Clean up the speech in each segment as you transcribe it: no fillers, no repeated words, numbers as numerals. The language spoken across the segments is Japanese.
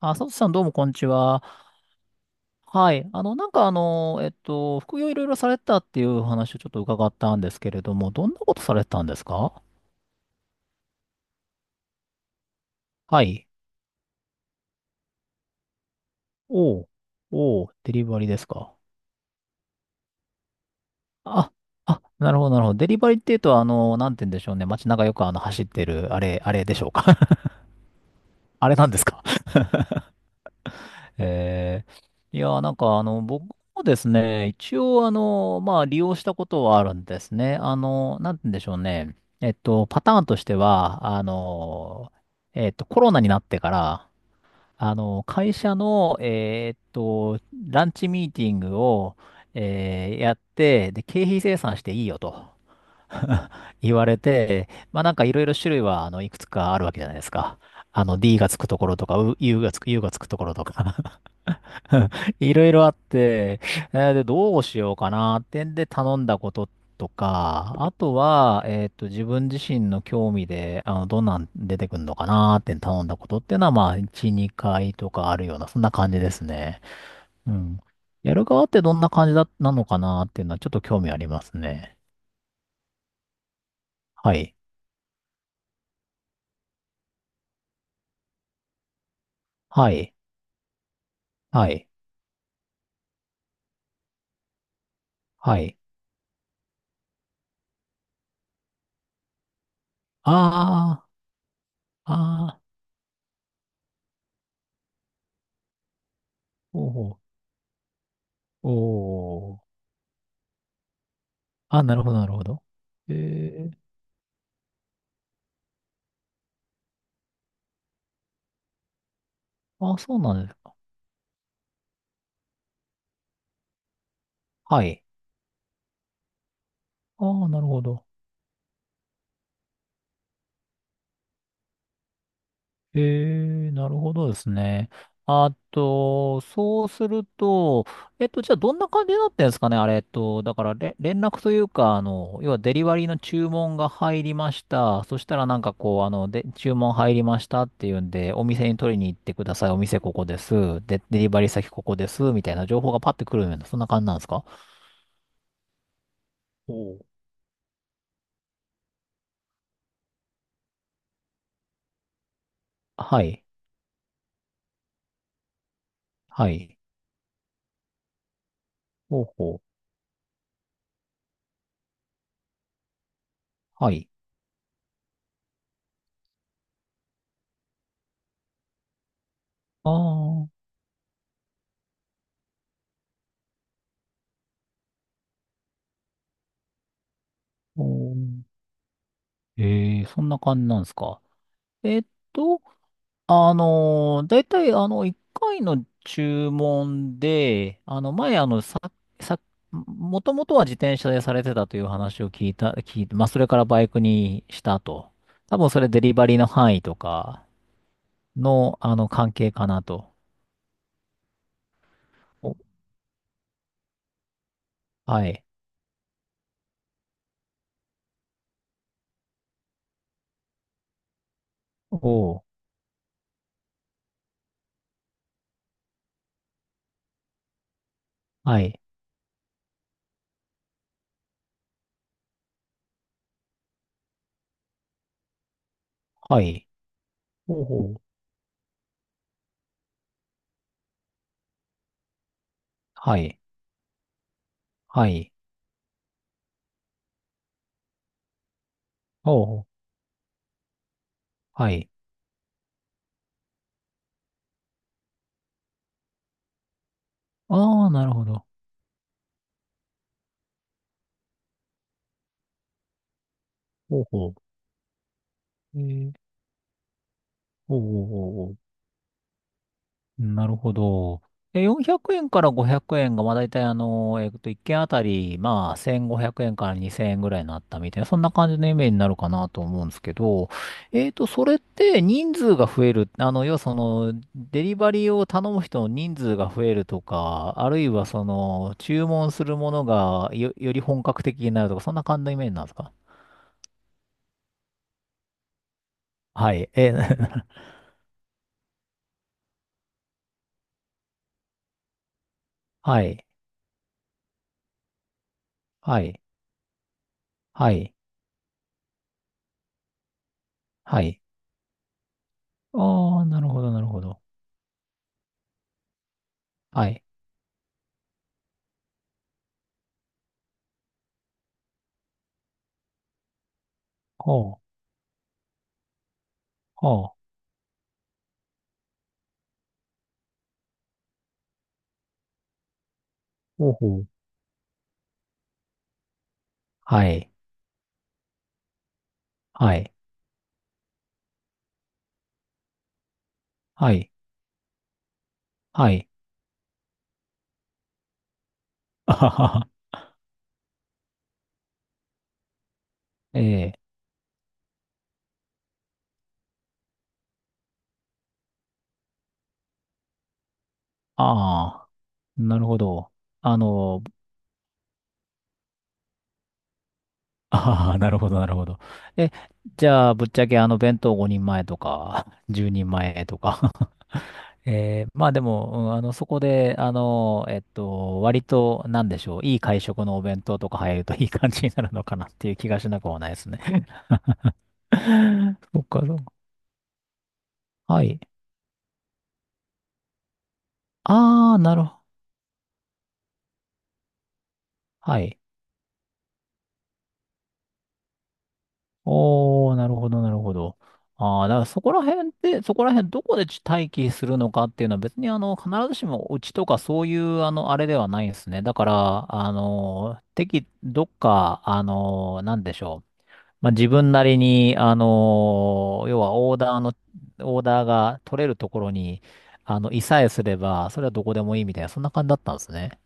あ、佐藤さんどうもこんにちは。はい。副業いろいろされてたっていうお話をちょっと伺ったんですけれども、どんなことされてたんですか？はい。おう。おう。デリバリーですか？あ、あ、なるほど、なるほど。デリバリーっていうと、なんて言うんでしょうね。街中よく走ってる、あれ、あれでしょうか？ あれなんですか？え僕もですね、一応まあ利用したことはあるんですね。なんて言うんでしょうね。パターンとしては、コロナになってから、会社の、ランチミーティングを、やって、で、経費精算していいよと 言われて、まあなんかいろいろ種類は、いくつかあるわけじゃないですか。あの、D がつくところとか、U がつくところとか いろいろあって、で、どうしようかなってんで頼んだこととか、あとは、自分自身の興味で、どんなん出てくるのかなって頼んだことっていうのは、まあ、1、2回とかあるような、そんな感じですね。うん。やる側ってどんな感じだ、なのかなっていうのは、ちょっと興味ありますね。はい。はい。はい。はい。ああ、ああ、おお、おお。あ、なるほど、なるほど。えー、あ、そうなんですか。はい。ああ、なるほど。ええ、なるほどですね。あと、そうすると、じゃあどんな感じになってんですかね、あれ、えっと、だかられ、連絡というか、要はデリバリーの注文が入りました。そしたらなんかこう、注文入りましたっていうんで、お店に取りに行ってください。お店ここです。で、デリバリー先ここです。みたいな情報がパッてくるような、そんな感じなんですか？おう、はい。はい。ほうほう。はい。ああ、おー、ええ、そんな感じなんですか。えっと、だいたい1回の注文で、あの、前、あの、さ、さ、もともとは自転車でされてたという話を聞いて、まあ、それからバイクにしたと。多分それデリバリーの範囲とかの、関係かなと。お、はい。おう、はい。はい。おうほう。はい。はい。おうほう。はい。ああ、なるほど。おうほう。えー、おうおうおうなるほど。え、400円から500円が、まあ大体1件あたり、まあ1500円から2000円ぐらいになったみたいな、そんな感じのイメージになるかなと思うんですけど、それって人数が増える、要はその、デリバリーを頼む人の人数が増えるとか、あるいはその、注文するものがよ、より本格的になるとか、そんな感じのイメージなんですか？はい。え、はい。はい。はい。はい。ああ、なるほど、なるほど。はい。ああ、ほうほう。はい、はい、はい、はい。あはは。ええ、ああ、なるほど。あの、ああ、なるほど、なるほど。え、じゃあ、ぶっちゃけあの弁当5人前とか、10人前とか えー、まあでも、うん、そこで、割と、なんでしょう、いい会食のお弁当とか入るといい感じになるのかなっていう気がしなくもないですね。そっか、そっか。はい。ああ、なるほど。はい。おー、なるほど、なるほど。ああ、だからそこら辺って、そこら辺どこで待機するのかっていうのは別に必ずしもうちとかそういうあれではないですね。だから、あの、適、どっか、あの、なんでしょう。まあ、自分なりに、要はオーダーが取れるところに、いさえすれば、それはどこでもいいみたいな、そんな感じだったんですね。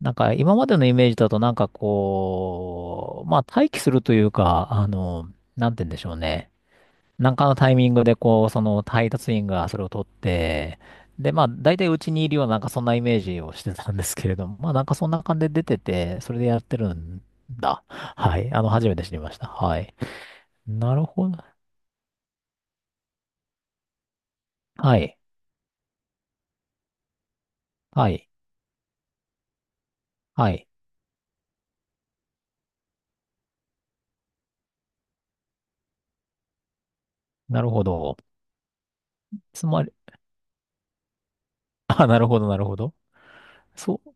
なんか今までのイメージだとなんかこう、まあ待機するというか、なんて言うんでしょうね。なんかのタイミングでこう、その配達員がそれを取って、で、まあ大体うちにいるようななんかそんなイメージをしてたんですけれども、まあなんかそんな感じで出てて、それでやってるんだ。はい。あの、初めて知りました。はい。なるほど。はい。はい。はい。なるほど。つまり、あ、なるほど、なるほど。そう、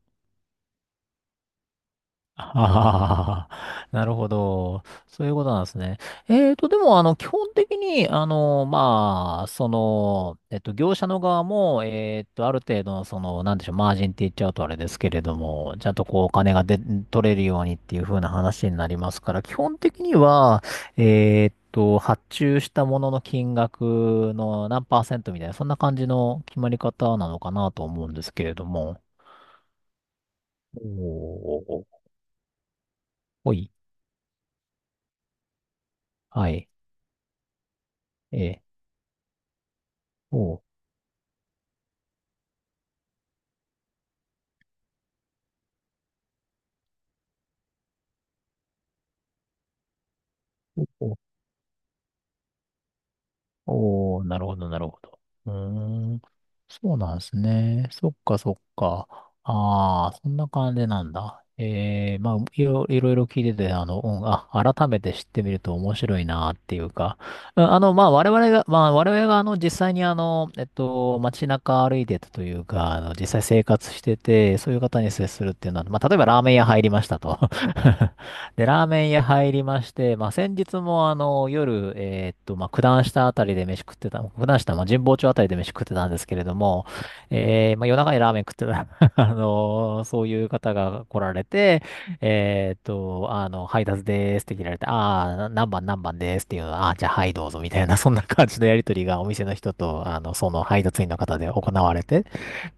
ああ、なるほど。そういうことなんですね。でも、あの、基本的に、業者の側も、ある程度の、その、なんでしょう、マージンって言っちゃうとあれですけれども、ちゃんとこう、お金がで、取れるようにっていう風な話になりますから、基本的には、発注したものの金額の何パーセントみたいな、そんな感じの決まり方なのかなと思うんですけれども。おー、ほい、はい。ええ、おう、おう、おうなるほど、なるほど。うーん、そうなんですね。そっか、そっか。ああ、そんな感じなんだ。ええ、まあ、いろいろいろ聞いてて、うん、あ、改めて知ってみると面白いなっていうか、うん、あの、まあ、我々が、まあ、我々が、実際に、街中歩いてたというか、実際生活してて、そういう方に接するっていうのは、まあ、例えばラーメン屋入りましたと。で、ラーメン屋入りまして、まあ、先日も夜、まあ、九段下あたりで飯食ってた、九段下、まあ、神保町あたりで飯食ってたんですけれども、えー、まあ、夜中にラーメン食ってた、そういう方が来られて、配達でーすって切られて、ああ、何番何番ですっていうのは、ああー、じゃあはいどうぞみたいな、そんな感じのやりとりがお店の人と、その配達員の方で行われて、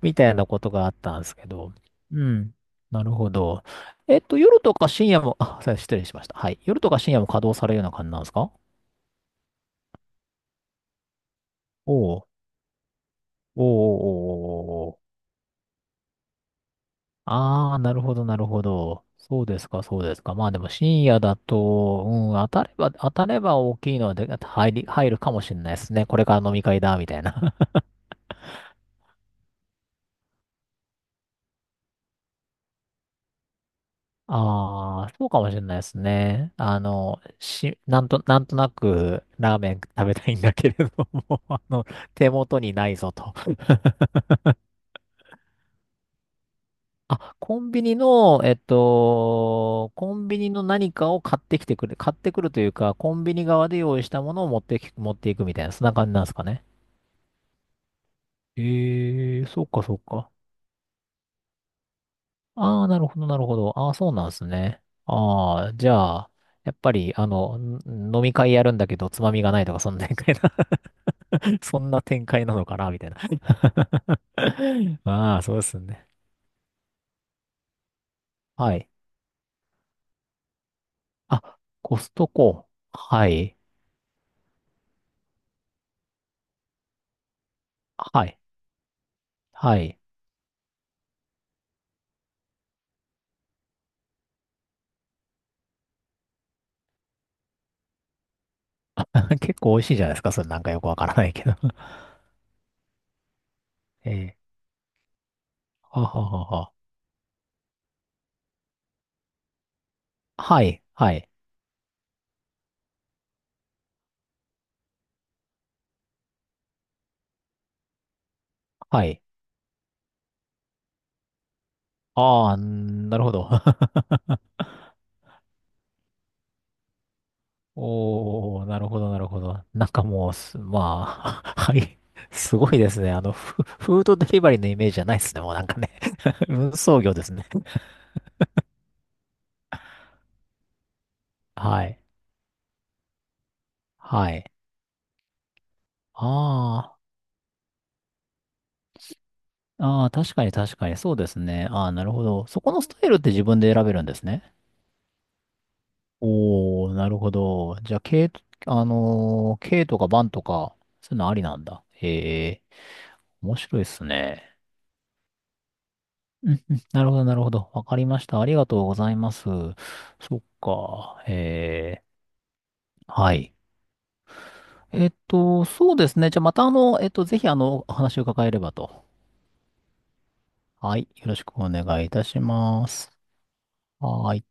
みたいなことがあったんですけど、うん。なるほど。夜とか深夜も、あ、すいません失礼しました。はい。夜とか深夜も稼働されるような感じなんですか？おうおうおうおうおうおう、ああー、なるほど、なるほど。そうですか、そうですか。まあでも深夜だと、うん、当たれば大きいのはで、入るかもしれないですね。これから飲み会だ、みたいな。ああ、そうかもしれないですね。あの、し、なんと、なんとなくラーメン食べたいんだけれども、あの、手元にないぞと。あ、コンビニの、コンビニの何かを買ってくるというか、コンビニ側で用意したものを持っていくみたいな、そんな感じなんですかね。ええ、そうか、そうか。ああ、なるほど、なるほど。ああ、そうなんですね。ああ、じゃあ、やっぱり、あの、ん飲み会やるんだけど、つまみがないとか、そんな展開な そんな展開なのかな、みたいな。ああ、そうですね。はい。あ、コストコ。はい。はい。はい。結構美味しいじゃないですか。それなんかよくわからないけど。ええ。はははは。はい、はい、はい。ああ、なるほど。おー、なるほど、なるほど。なんかもうす、まあ、はい。すごいですね。フードデリバリーのイメージじゃないですね。もうなんかね。運送業ですね。はい。はい。ああ、ああ、確かに確かに。そうですね。ああ、なるほど。そこのスタイルって自分で選べるんですね。おー、なるほど。じゃあ、K、K とかバンとかそういうのありなんだ。へえ、面白いっすね。うんうん、なるほど、なるほど。わかりました。ありがとうございます。そっか。えー、はい。そうですね。じゃあ、またぜひあの、お話を伺えればと。はい。よろしくお願いいたします。はーい。